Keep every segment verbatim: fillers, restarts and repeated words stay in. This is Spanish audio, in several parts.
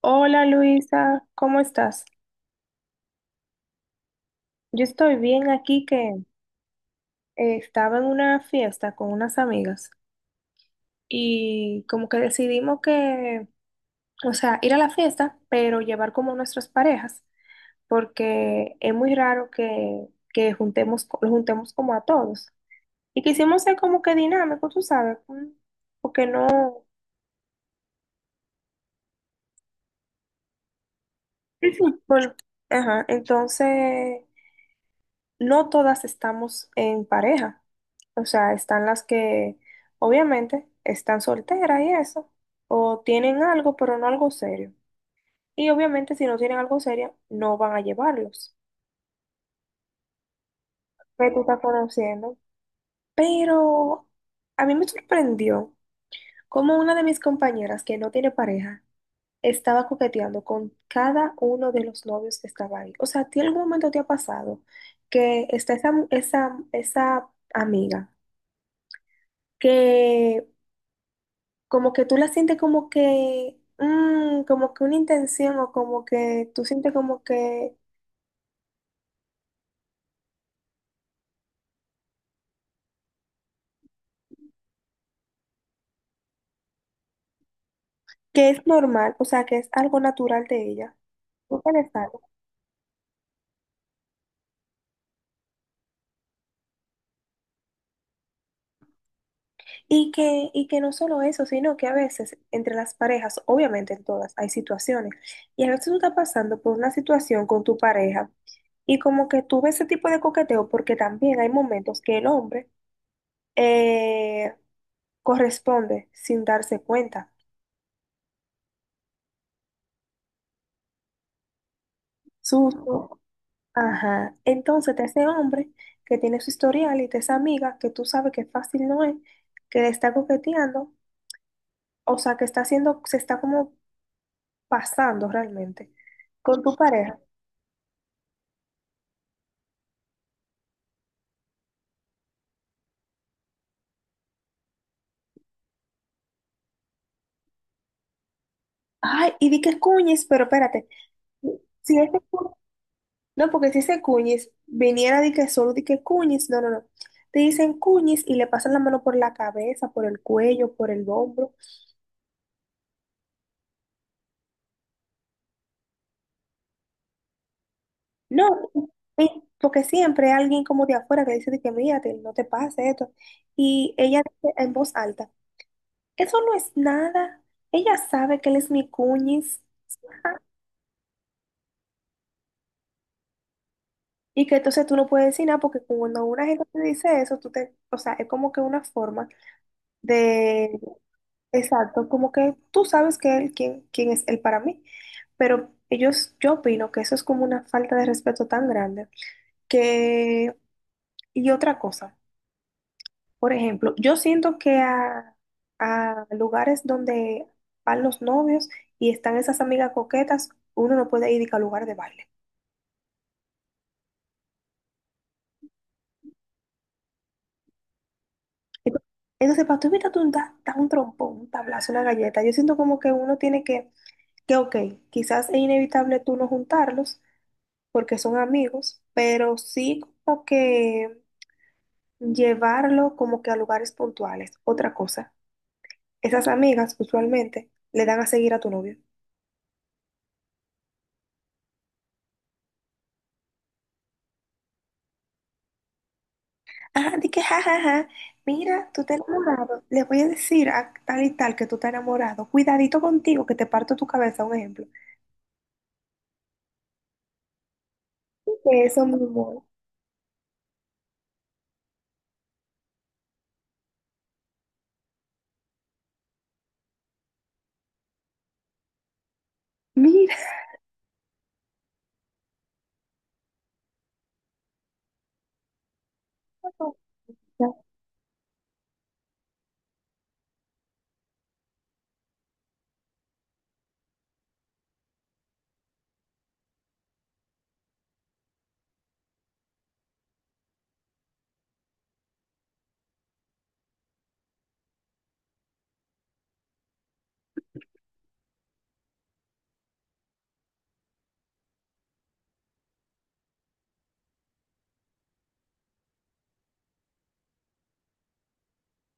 Hola Luisa, ¿cómo estás? Yo estoy bien aquí que eh, estaba en una fiesta con unas amigas y como que decidimos que, o sea, ir a la fiesta, pero llevar como nuestras parejas, porque es muy raro que, que juntemos, co- los juntemos como a todos. Y quisimos ser como que dinámico, tú sabes, mm, porque no, bueno, ajá, entonces no todas estamos en pareja. O sea, están las que obviamente están solteras y eso, o tienen algo, pero no algo serio. Y obviamente si no tienen algo serio, no van a llevarlos. Que tú estás conociendo. Pero a mí me sorprendió cómo una de mis compañeras que no tiene pareja estaba coqueteando con cada uno de los novios que estaba ahí. O sea, ¿a ti algún momento te ha pasado que está esa, esa, esa amiga que como que tú la sientes como que, mm, como que una intención o como que tú sientes como que, que es normal, o sea, que es algo natural de ella. Tú tienes algo. Y que, y que no solo eso, sino que a veces entre las parejas, obviamente en todas, hay situaciones. Y a veces tú estás pasando por una situación con tu pareja y como que tú ves ese tipo de coqueteo porque también hay momentos que el hombre eh, corresponde sin darse cuenta. Susto. Ajá. Entonces, te ese hombre que tiene su historial y te esa amiga que tú sabes que fácil no es, que le está coqueteando, o sea, que está haciendo, se está como pasando realmente con tu pareja. Ay, y di que cuñes, pero espérate. Si ese cu- no, porque si ese cuñis viniera de que solo di que cuñis, no, no, no. Te dicen cuñis y le pasan la mano por la cabeza, por el cuello, por el hombro. No, y- porque siempre hay alguien como de afuera que dice de que mírate, no te pase esto. Y ella dice en voz alta, eso no es nada. Ella sabe que él es mi cuñis y que entonces tú no puedes decir nada porque cuando una gente te dice eso, tú te, o sea, es como que una forma de, exacto, como que tú sabes que él, quién, quién es él para mí. Pero ellos, yo opino que eso es como una falta de respeto tan grande que, y otra cosa. Por ejemplo, yo siento que a, a lugares donde van los novios y están esas amigas coquetas, uno no puede ir ni que a lugar de baile. Ento- Entonces, para tú invitarte un, da, da un trompón, un tablazo, una galleta, yo siento como que uno tiene que, que, ok, quizás es inevitable tú no juntarlos porque son amigos, pero sí como que llevarlo como que a lugares puntuales. Otra cosa, esas amigas usualmente le dan a seguir a tu novio. Ajá, di que jajaja, mira, tú te has enamorado, le voy a decir a tal y tal que tú te has enamorado, cuidadito contigo que te parto tu cabeza, un ejemplo. Que eso, mi amor, mira,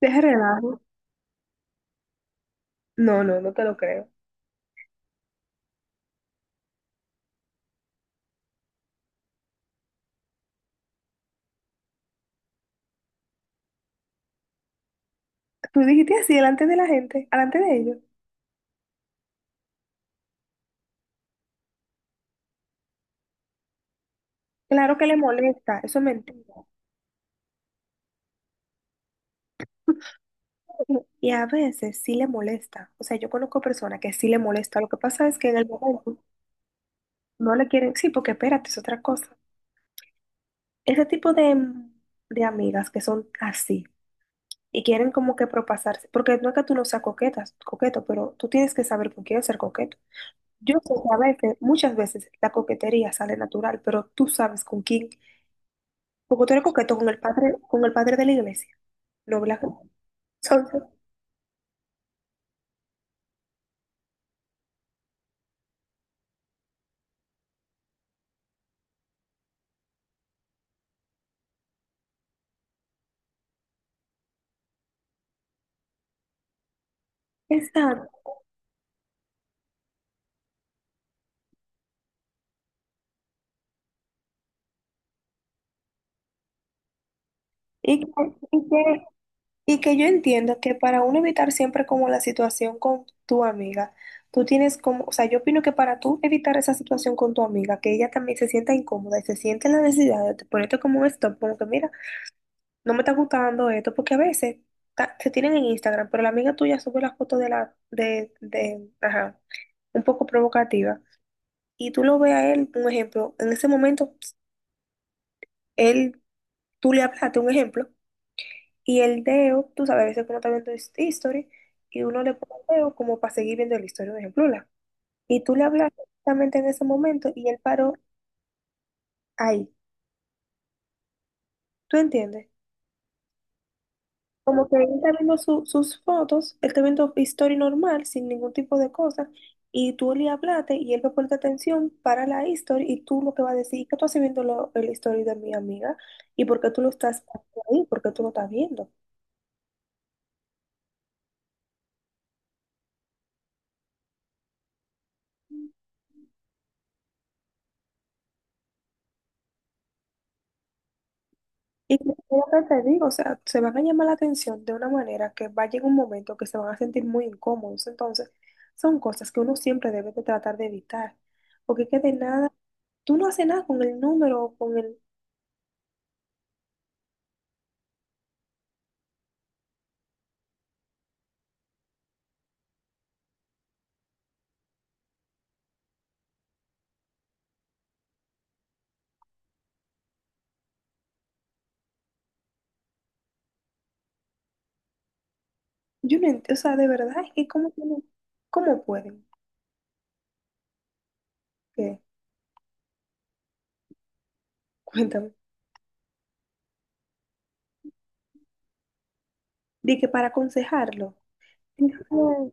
deja relajo. No, no, no te lo creo. Tú dijiste así delante de la gente, delante de ellos. Claro que le molesta, eso es mentira. Y a veces sí le molesta. O sea, yo conozco personas que sí le molesta. Lo que pasa es que en el momento no le quieren, sí, porque espérate, es otra cosa. Ese tipo de, de amigas que son así. Y quieren como que propasarse, porque no es que tú no seas coqueta, coqueto, pero tú tienes que saber con quién ser coqueto. Yo sé que a veces, muchas veces la coquetería sale natural, pero tú sabes con quién, porque tú eres coqueto con el padre, con el padre de la iglesia, no, ¿verdad? Entonces, exacto. Y que, y que, y que yo entiendo que para uno evitar siempre como la situación con tu amiga, tú tienes como, o sea, yo opino que para tú evitar esa situación con tu amiga, que ella también se sienta incómoda y se siente la necesidad de ponerte como un stop, como que mira, no me está gustando esto, porque a veces ta- se tienen en Instagram, pero la amiga tuya sube la foto de la, de, de, ajá, un poco provocativa, y tú lo ves a él, un ejemplo, en ese momento, él, tú le hablaste, un ejemplo, y el dedo, tú sabes, a veces uno está viendo his- history, y uno le pone el dedo como para seguir viendo la historia, un ejemplo, la- y tú le hablaste exactamente en ese momento, y él paró ahí, ¿tú entiendes? Como que él está viendo su- sus fotos, él está viendo historia normal, sin ningún tipo de cosa, y tú le hablaste y él va a ponerte atención para la historia y tú lo que vas a decir, ¿que tú estás viendo lo, el historia de mi amiga? ¿Y por qué tú lo estás ahí? ¿Por qué tú lo estás viendo? Y es lo que te digo, o sea, se van a llamar la atención de una manera que va a llegar un momento que se van a sentir muy incómodos. Entonces, son cosas que uno siempre debe de tratar de evitar, porque es que de nada, tú no haces nada con el número, o con el. Yo no entiendo, o sea, de verdad, es que cómo tienen, cómo pueden. ¿Qué? Cuéntame. Di que para aconsejarlo. Dijo,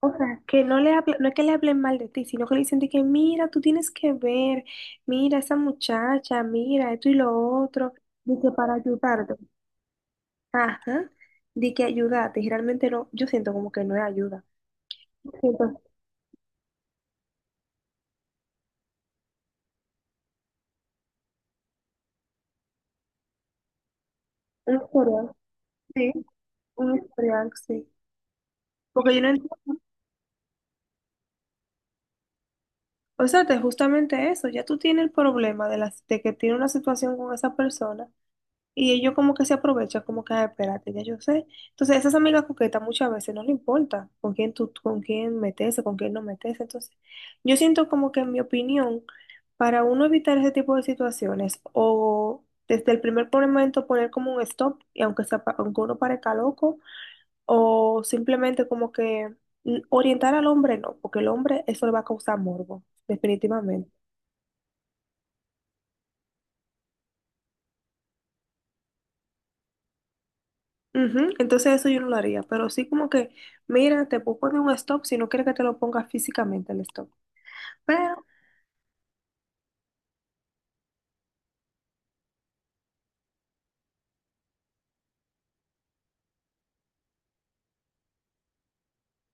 o sea, que no le hable- no es que le hablen mal de ti, sino que le dicen de que mira, tú tienes que ver, mira esa muchacha, mira esto y lo otro, di que para ayudarte. Ajá, di que ayudarte. Y realmente no, yo siento como que no es ayuda. Siento un historial, sí, un historial, sí. Porque yo no. O sea, es justamente eso, ya tú tienes el problema de, las de que tiene una situación con esa persona y ellos como que se aprovechan, como que, "Ah, espérate, ya yo sé". Entonces, esas amigas coquetas muchas veces no le importa con quién tú, con quién meterse, con quién no meterse. Entonces, yo siento como que en mi opinión, para uno evitar ese tipo de situaciones o desde el primer momento poner como un stop, y aunque, sea, pa- aunque uno parezca loco, o simplemente como que mm, orientar al hombre, no, porque el hombre eso le va a causar morbo, definitivamente. Ujú. Entonces eso yo no lo haría, pero sí como que, mira, te puedo poner un stop si no quieres que te lo ponga físicamente el stop. Pero